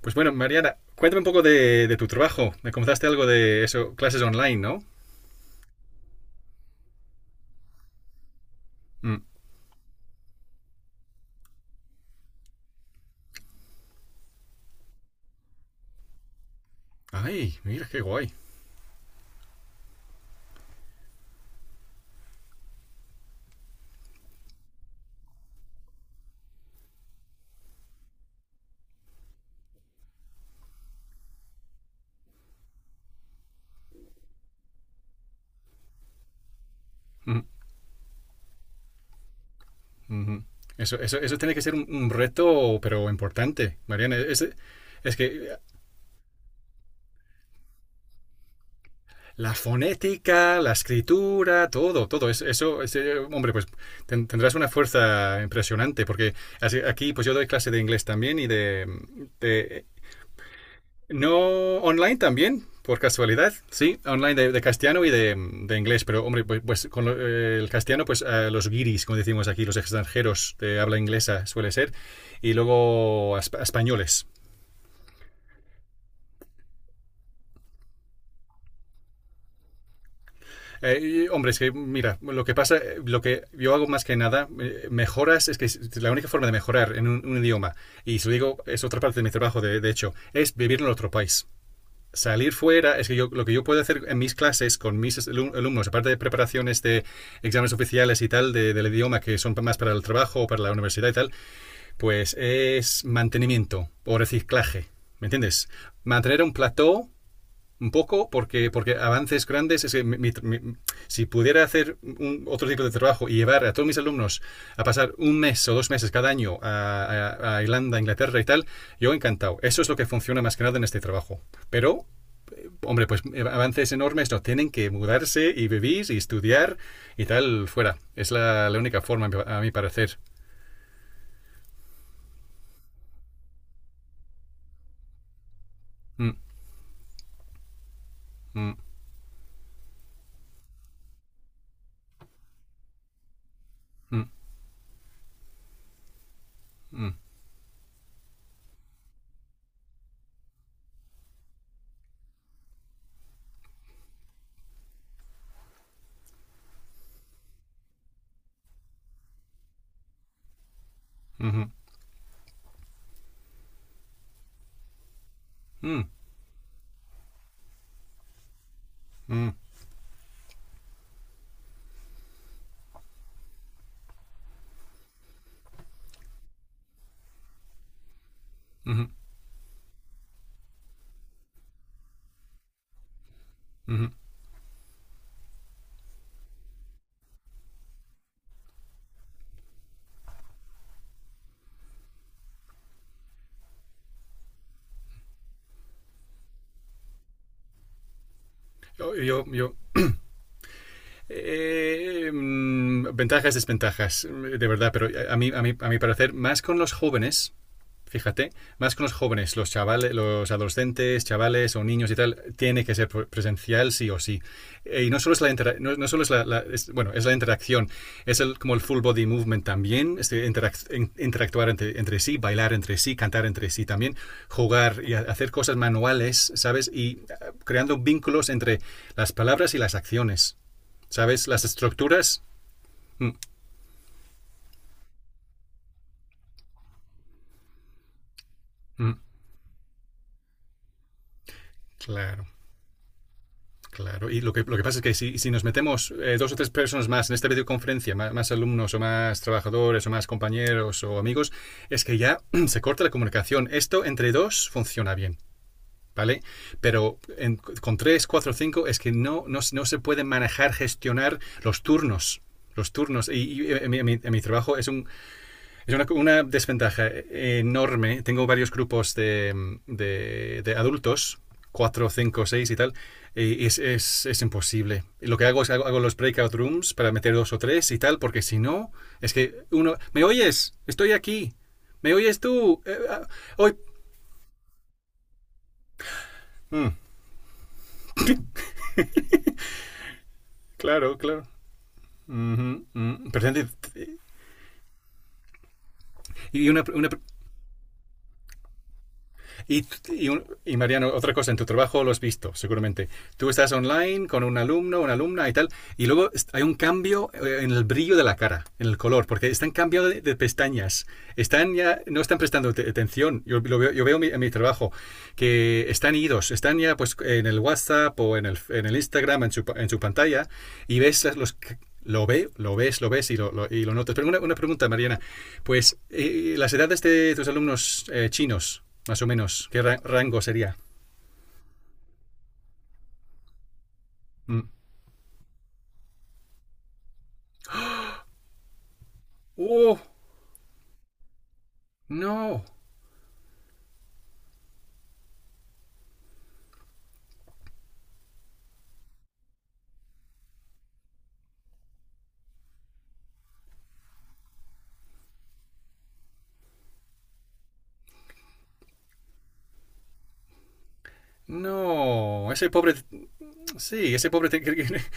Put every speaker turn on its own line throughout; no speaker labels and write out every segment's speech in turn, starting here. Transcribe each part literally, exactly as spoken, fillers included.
Pues bueno, Mariana, cuéntame un poco de, de tu trabajo. Me contaste algo de eso, clases online, ¿no? Mm. Ay, mira, qué guay. Mm, mhm. Eso, eso, eso tiene que ser un, un reto, pero importante, Mariana. Es, es que la fonética, la escritura, todo, todo. Es- Eso, es, eh, hombre, pues ten- tendrás una fuerza impresionante, porque así- aquí pues yo doy clase de inglés también y de, de No, online también, por casualidad, sí, online de, de castellano y de, de inglés, pero hombre, pues, pues con lo- eh, el castellano, pues eh, los guiris, como decimos aquí, los extranjeros de habla inglesa suele ser, y luego a, a españoles. Eh, hombre, es que mira, lo que pasa, eh, lo que yo hago más que nada, eh, mejoras, es que la única forma de mejorar en un, un idioma, y se lo digo, es otra parte de mi trabajo, de, de hecho, es vivir en otro país. Salir fuera, es que yo, lo que yo puedo hacer en mis clases con mis alumnos, aparte de preparaciones de exámenes oficiales y tal, de, del idioma que son más para el trabajo o para la universidad y tal, pues es mantenimiento o reciclaje, ¿me entiendes? Mantener un plató un poco porque, porque avances grandes, es que mi, mi, si pudiera hacer un, otro tipo de trabajo y llevar a todos mis alumnos a pasar un mes o dos meses cada año a, a, a Irlanda, Inglaterra y tal, yo encantado. Eso es lo que funciona más que nada en este trabajo. Pero hombre, pues eh, avances enormes, no, tienen que mudarse y vivir y estudiar y tal, fuera. Es la, la única forma, a mi parecer. Mm, mm, mm, mm, mm, mm, mm, mm, mm. Yo, yo, yo. Eh, mm, ventajas, desventajas, de verdad, pero a mí, a, mí, a mi parecer, más con los jóvenes. Fíjate, más con los jóvenes, los chavales, los adolescentes, chavales o niños y tal, tiene que ser presencial sí o sí. Eh, Y no solo es la interacción, no, no, solo es la, la es, bueno, es la interacción, es el, como el full body movement también, este, interac interactuar entre, entre, sí, bailar entre sí, cantar entre sí también, jugar y hacer cosas manuales, ¿sabes? Y eh, creando vínculos entre las palabras y las acciones, ¿sabes? Las estructuras. Mm, mm, claro. Claro, y lo que, lo que pasa es que si, si nos metemos eh, dos o tres personas más en esta videoconferencia, más, más, alumnos o más trabajadores o más compañeros o amigos, es que ya se corta la comunicación. Esto entre dos funciona bien, ¿vale? Pero en, con tres, cuatro, cinco es que no, no, no se pueden manejar, gestionar los turnos los turnos. Y, y en, mi, en, mi, trabajo es un, es una, una desventaja enorme. Tengo varios grupos de, de, de adultos, cuatro cinco seis y tal, y es, es, es imposible. Lo que hago es hago, hago los breakout rooms para meter dos o tres y tal, porque si no, es que uno, ¿me oyes? Estoy aquí. ¿Me oyes tú? Eh, ah, hoy... Mm, claro, claro. Ujú, mm. Pero, y una, una- Y, y, y, Mariano, otra cosa, en tu trabajo lo has visto, seguramente. Tú estás online con un alumno, una alumna y tal, y luego hay un cambio eh, en el brillo de la cara, en el color, porque están cambiando de, de pestañas. Están ya, no están prestando atención. Yo, lo veo, yo veo mi- en mi trabajo que están idos, están ya pues en el WhatsApp o en el, en el Instagram, en su, en su pantalla, y ves los lo ve, lo ves, lo ves y lo, lo- y lo notas. Pero una, una pregunta, Mariana. Pues, eh, ¿las edades de tus alumnos eh, chinos, más o menos? ¿Qué ra- rango sería? Mm. ¡Oh! No, no. Ese pobre, sí, ese pobre te-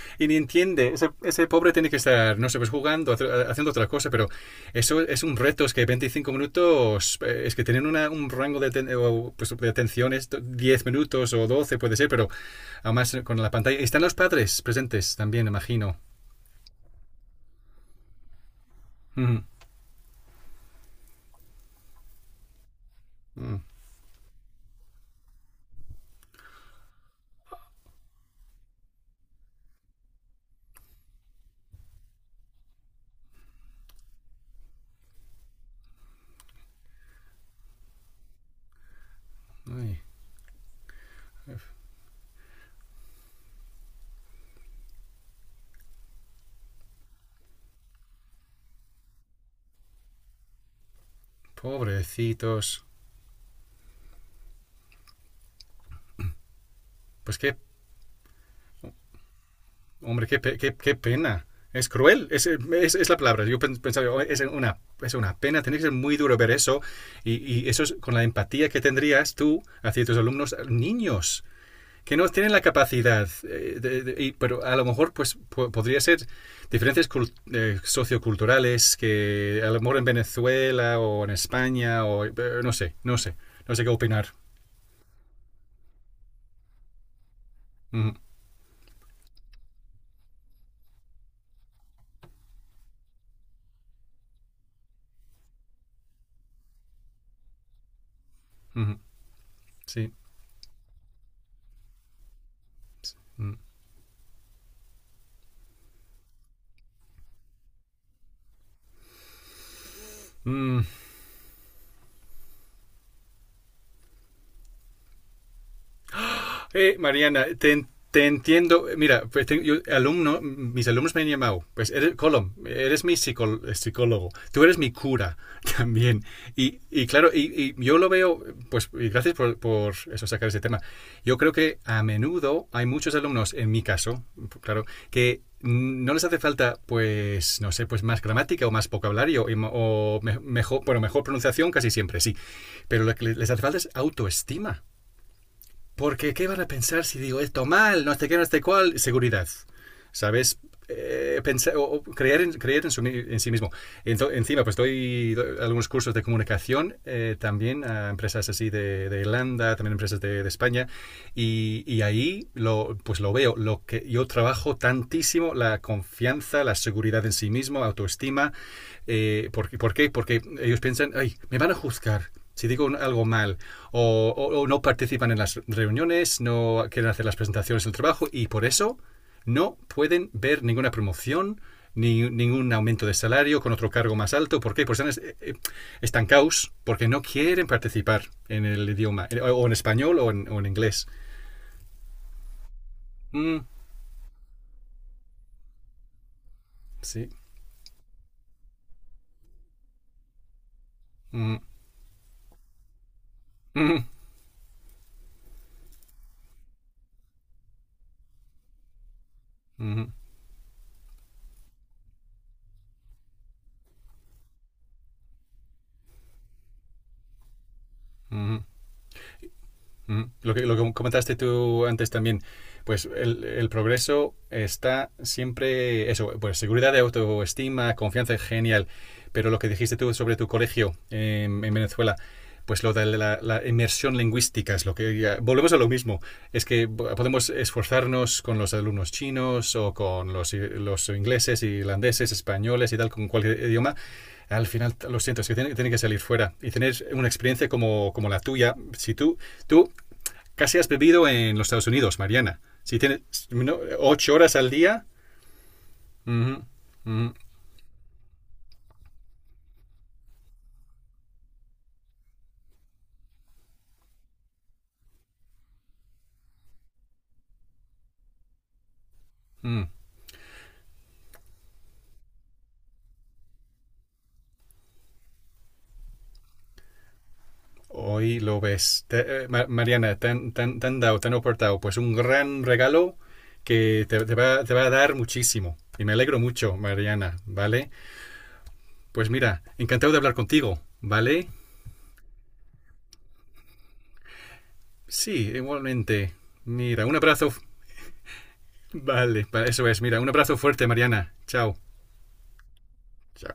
y ni entiende. Ese, ese pobre tiene que estar, no sé, pues jugando, haciendo otra cosa, pero eso es un reto. Es que veinticinco minutos, eh, es que tienen una- un rango de, aten- o, pues, de atención, es diez minutos o doce puede ser, pero además con la pantalla. Están los padres presentes también, imagino. Mm, mm. Ay, pobrecitos. Pues qué, hombre, qué, qué, qué pena. Es cruel, es, es, es la palabra. Yo pensaba, "Oh, es una, es una pena, tiene que ser muy duro ver eso. Y, y eso es con la empatía que tendrías tú hacia tus alumnos, niños, que no tienen la capacidad. Eh, de- de- y- pero a lo mejor pues po- podría ser diferencias cul- eh, socioculturales que a lo mejor en Venezuela o en España o eh, no sé, no sé, no sé qué opinar. Ujú, ujú, sí. Mm. Mm. Eh, Mariana, te, entiendo. Te entiendo. Mira, pues tengo- yo, alumno, mis alumnos me han llamado. Pues eres, Colom, eres mi psicol- psicólogo. Tú eres mi cura también. Y, y claro, y, y yo lo veo, pues y gracias por, por eso sacar ese tema. Yo creo que a menudo hay muchos alumnos, en mi caso, claro, que no les hace falta, pues, no sé, pues más gramática o más vocabulario y o mejor, bueno, mejor pronunciación casi siempre, sí. Pero lo que les hace falta es autoestima. Porque, ¿qué van a pensar si digo esto mal? No sé qué, no sé cuál. Seguridad. ¿Sabes? Eh, pensar, o, o creer, en, creer en, su, en sí mismo. Ento- encima, pues doy, doy algunos cursos de comunicación eh, también a empresas así de, de Irlanda, también empresas de, de España, y, y ahí lo, pues lo veo. Lo que yo trabajo tantísimo la confianza, la seguridad en sí mismo, autoestima. Eh, ¿por, qué- ¿Por qué? Porque ellos piensan, ay, me van a juzgar, si digo algo mal o, o- o no participan en las reuniones, no quieren hacer las presentaciones del trabajo y por eso no pueden ver ninguna promoción, ni, ningún aumento de salario con otro cargo más alto. ¿Por qué? Pues están eh, eh, estancados porque no quieren participar en el idioma, eh, o en español o en, o en inglés. Mm, sí. Mm, mm, mm, mm. Mm. Mm, lo que, lo que comentaste tú antes también, pues el, el progreso está siempre, eso, pues seguridad autoestima, confianza, genial. Pero lo que dijiste tú sobre tu colegio en, en Venezuela, pues lo de la, la, inmersión lingüística es lo que ya, volvemos a lo mismo es que podemos esforzarnos con los alumnos chinos o con los, los ingleses irlandeses españoles y tal con cualquier idioma al final lo siento es que tiene, tiene que salir fuera y tener una experiencia como, como la tuya si tú tú casi has vivido en los Estados Unidos, Mariana. Si tienes ¿no? ocho horas al día, ujú, ujú, ujú. Hoy lo ves. Te- eh, Mariana, tan, tan, tan dado, tan aportado, pues un gran regalo que te, te va, te va a dar muchísimo. Y me alegro mucho, Mariana, ¿vale? Pues mira, encantado de hablar contigo, ¿vale? Sí, igualmente. Mira, un abrazo. Vale, eso es. Mira, un abrazo fuerte, Mariana. Chao. Chao.